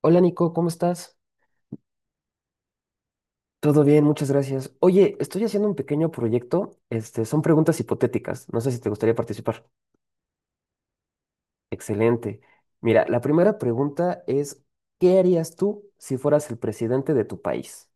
Hola Nico, ¿cómo estás? Todo bien, muchas gracias. Oye, estoy haciendo un pequeño proyecto. Este, son preguntas hipotéticas. No sé si te gustaría participar. Excelente. Mira, la primera pregunta es, ¿qué harías tú si fueras el presidente de tu país?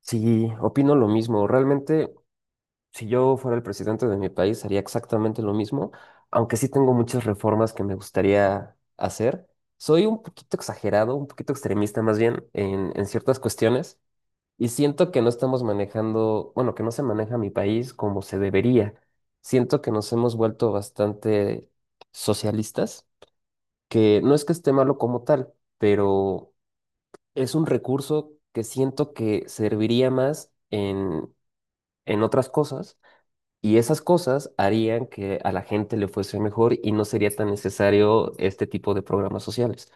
Sí, opino lo mismo. Realmente, si yo fuera el presidente de mi país, haría exactamente lo mismo, aunque sí tengo muchas reformas que me gustaría hacer. Soy un poquito exagerado, un poquito extremista más bien en ciertas cuestiones. Y siento que no estamos manejando, bueno, que no se maneja mi país como se debería. Siento que nos hemos vuelto bastante socialistas, que no es que esté malo como tal, pero es un recurso que siento que serviría más en otras cosas y esas cosas harían que a la gente le fuese mejor y no sería tan necesario este tipo de programas sociales.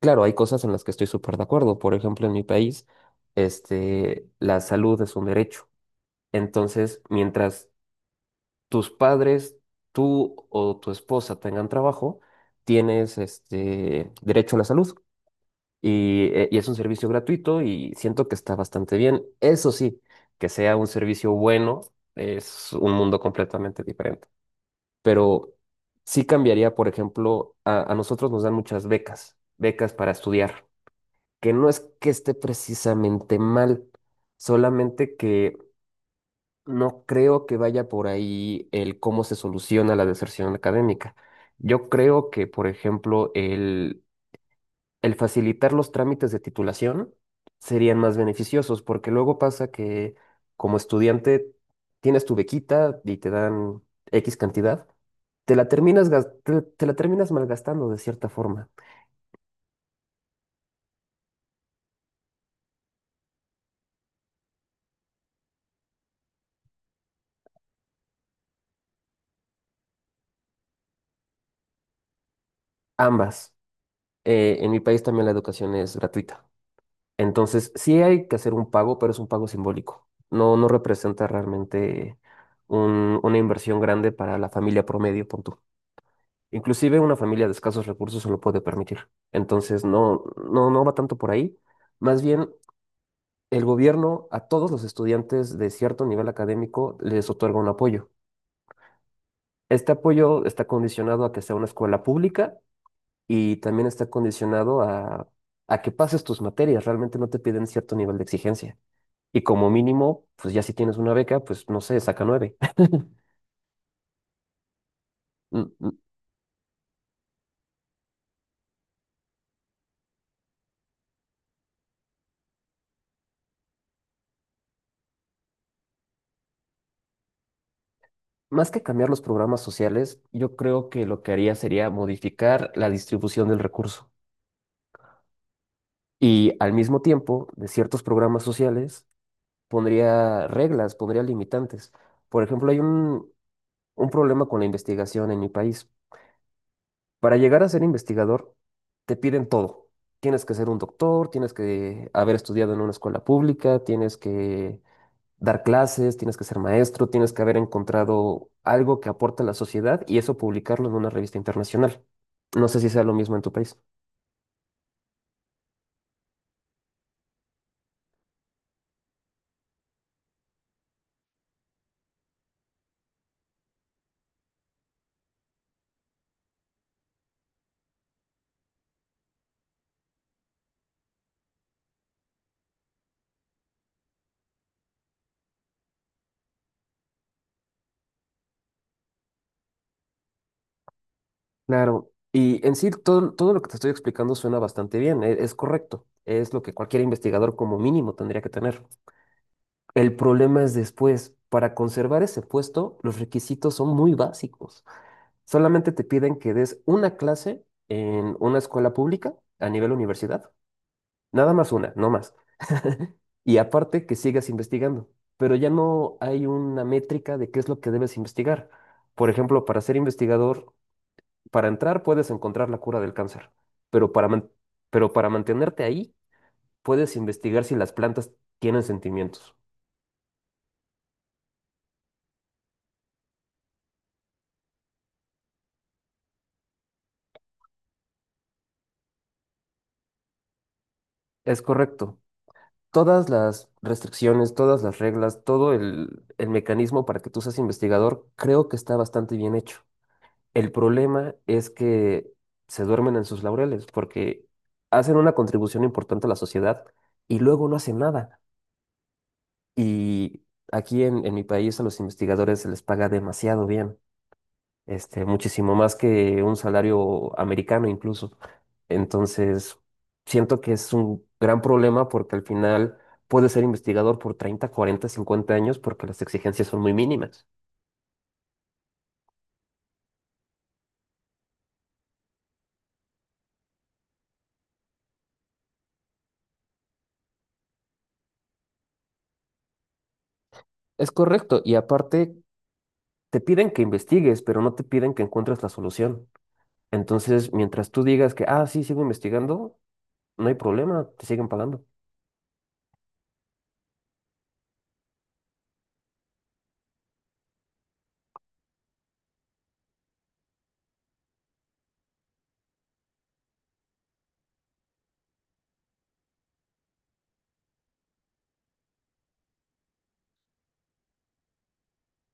Claro, hay cosas en las que estoy súper de acuerdo. Por ejemplo, en mi país, este, la salud es un derecho entonces, mientras tus padres, tú o tu esposa tengan trabajo, tienes este derecho a la salud y es un servicio gratuito y siento que está bastante bien. Eso sí, que sea un servicio bueno es un mundo completamente diferente. Pero sí cambiaría, por ejemplo, a nosotros nos dan muchas becas, becas para estudiar, que no es que esté precisamente mal, solamente que no creo que vaya por ahí el cómo se soluciona la deserción académica. Yo creo que, por ejemplo, el facilitar los trámites de titulación serían más beneficiosos, porque luego pasa que como estudiante tienes tu bequita y te dan X cantidad, te la terminas, te la terminas malgastando de cierta forma. Ambas. En mi país también la educación es gratuita. Entonces, sí hay que hacer un pago, pero es un pago simbólico. No, no representa realmente una inversión grande para la familia promedio, pon tú. Inclusive una familia de escasos recursos se lo puede permitir. Entonces, no, no, no va tanto por ahí. Más bien, el gobierno a todos los estudiantes de cierto nivel académico les otorga un apoyo. Este apoyo está condicionado a que sea una escuela pública y también está condicionado a que pases tus materias. Realmente no te piden cierto nivel de exigencia. Y como mínimo, pues ya si tienes una beca, pues no sé, saca nueve. M- m- Más que cambiar los programas sociales, yo creo que lo que haría sería modificar la distribución del recurso. Y al mismo tiempo, de ciertos programas sociales, pondría reglas, pondría limitantes. Por ejemplo, hay un problema con la investigación en mi país. Para llegar a ser investigador, te piden todo. Tienes que ser un doctor, tienes que haber estudiado en una escuela pública, tienes que dar clases, tienes que ser maestro, tienes que haber encontrado algo que aporte a la sociedad y eso publicarlo en una revista internacional. No sé si sea lo mismo en tu país. Claro, y en sí todo, todo lo que te estoy explicando suena bastante bien, es, correcto, es lo que cualquier investigador como mínimo tendría que tener. El problema es después, para conservar ese puesto, los requisitos son muy básicos. Solamente te piden que des una clase en una escuela pública a nivel universidad. Nada más una, no más. Y aparte que sigas investigando, pero ya no hay una métrica de qué es lo que debes investigar. Por ejemplo, para ser investigador, para entrar puedes encontrar la cura del cáncer, pero pero para mantenerte ahí puedes investigar si las plantas tienen sentimientos. Es correcto. Todas las restricciones, todas las reglas, todo el mecanismo para que tú seas investigador, creo que está bastante bien hecho. El problema es que se duermen en sus laureles porque hacen una contribución importante a la sociedad y luego no hacen nada. Y aquí en mi país a los investigadores se les paga demasiado bien, este, muchísimo más que un salario americano incluso. Entonces, siento que es un gran problema porque al final puedes ser investigador por 30 40 50 años porque las exigencias son muy mínimas. Es correcto, y aparte te piden que investigues, pero no te piden que encuentres la solución. Entonces, mientras tú digas que, ah, sí, sigo investigando, no hay problema, te siguen pagando.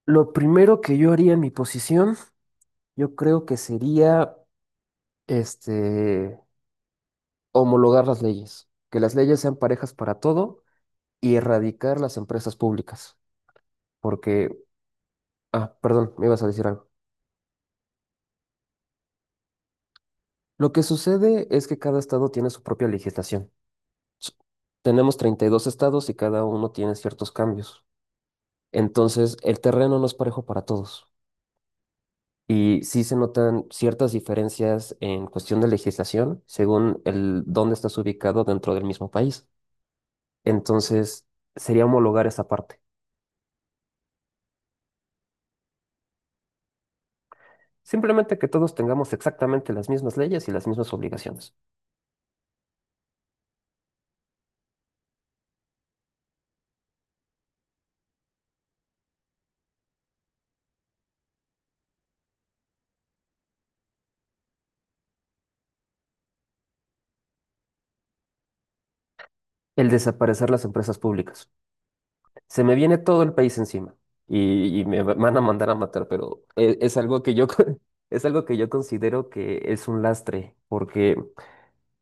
Lo primero que yo haría en mi posición, yo creo que sería, este, homologar las leyes, que las leyes sean parejas para todo y erradicar las empresas públicas, porque, ah, perdón, me ibas a decir algo. Lo que sucede es que cada estado tiene su propia legislación. S- Tenemos 32 estados y cada uno tiene ciertos cambios. Entonces, el terreno no es parejo para todos. Y sí se notan ciertas diferencias en cuestión de legislación según el dónde estás ubicado dentro del mismo país. Entonces, sería homologar esa parte. Simplemente que todos tengamos exactamente las mismas leyes y las mismas obligaciones. El desaparecer las empresas públicas. Se me viene todo el país encima y van a mandar a matar, pero es, algo que yo, con- es algo que yo considero que es un lastre porque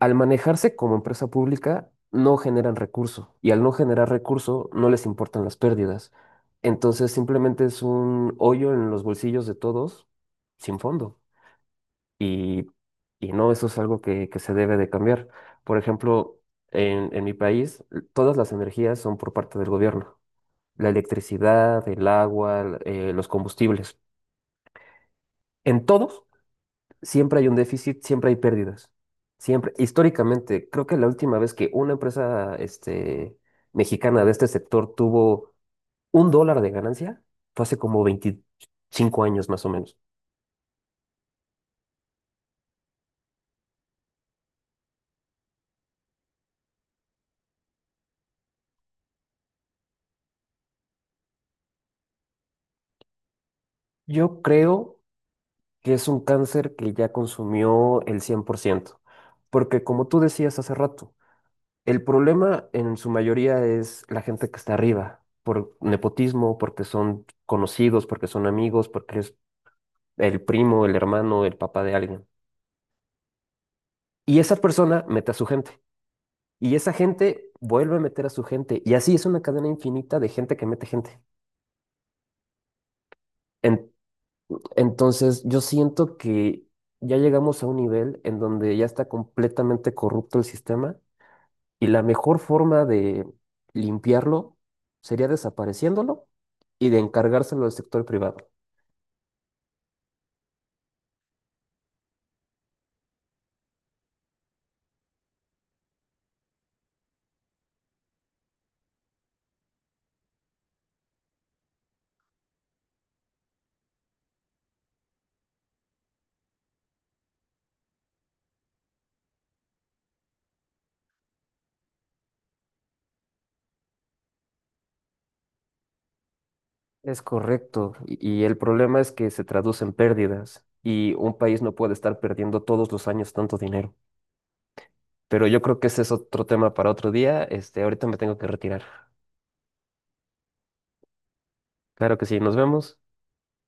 al manejarse como empresa pública, no generan recurso y al no generar recurso no les importan las pérdidas. Entonces simplemente es un hoyo en los bolsillos de todos sin fondo. Y, y no, eso es algo que se debe de cambiar. Por ejemplo, en mi país, todas las energías son por parte del gobierno. La electricidad, el agua, los combustibles. En todos siempre hay un déficit, siempre hay pérdidas. Siempre, históricamente, creo que la última vez que una empresa este, mexicana de este sector tuvo un dólar de ganancia fue hace como 25 años más o menos. Yo creo que es un cáncer que ya consumió el 100% porque como tú decías hace rato, el problema en su mayoría es la gente que está arriba, por nepotismo, porque son conocidos, porque son amigos, porque es el primo, el hermano, el papá de alguien. Y esa persona mete a su gente. Y esa gente vuelve a meter a su gente. Y así es una cadena infinita de gente que mete gente. En- entonces, yo siento que ya llegamos a un nivel en donde ya está completamente corrupto el sistema y la mejor forma de limpiarlo sería desapareciéndolo y de encargárselo al sector privado. Es correcto. Y el problema es que se traduce en pérdidas y un país no puede estar perdiendo todos los años tanto dinero. Pero yo creo que ese es otro tema para otro día. Este, ahorita me tengo que retirar. Claro que sí, nos vemos.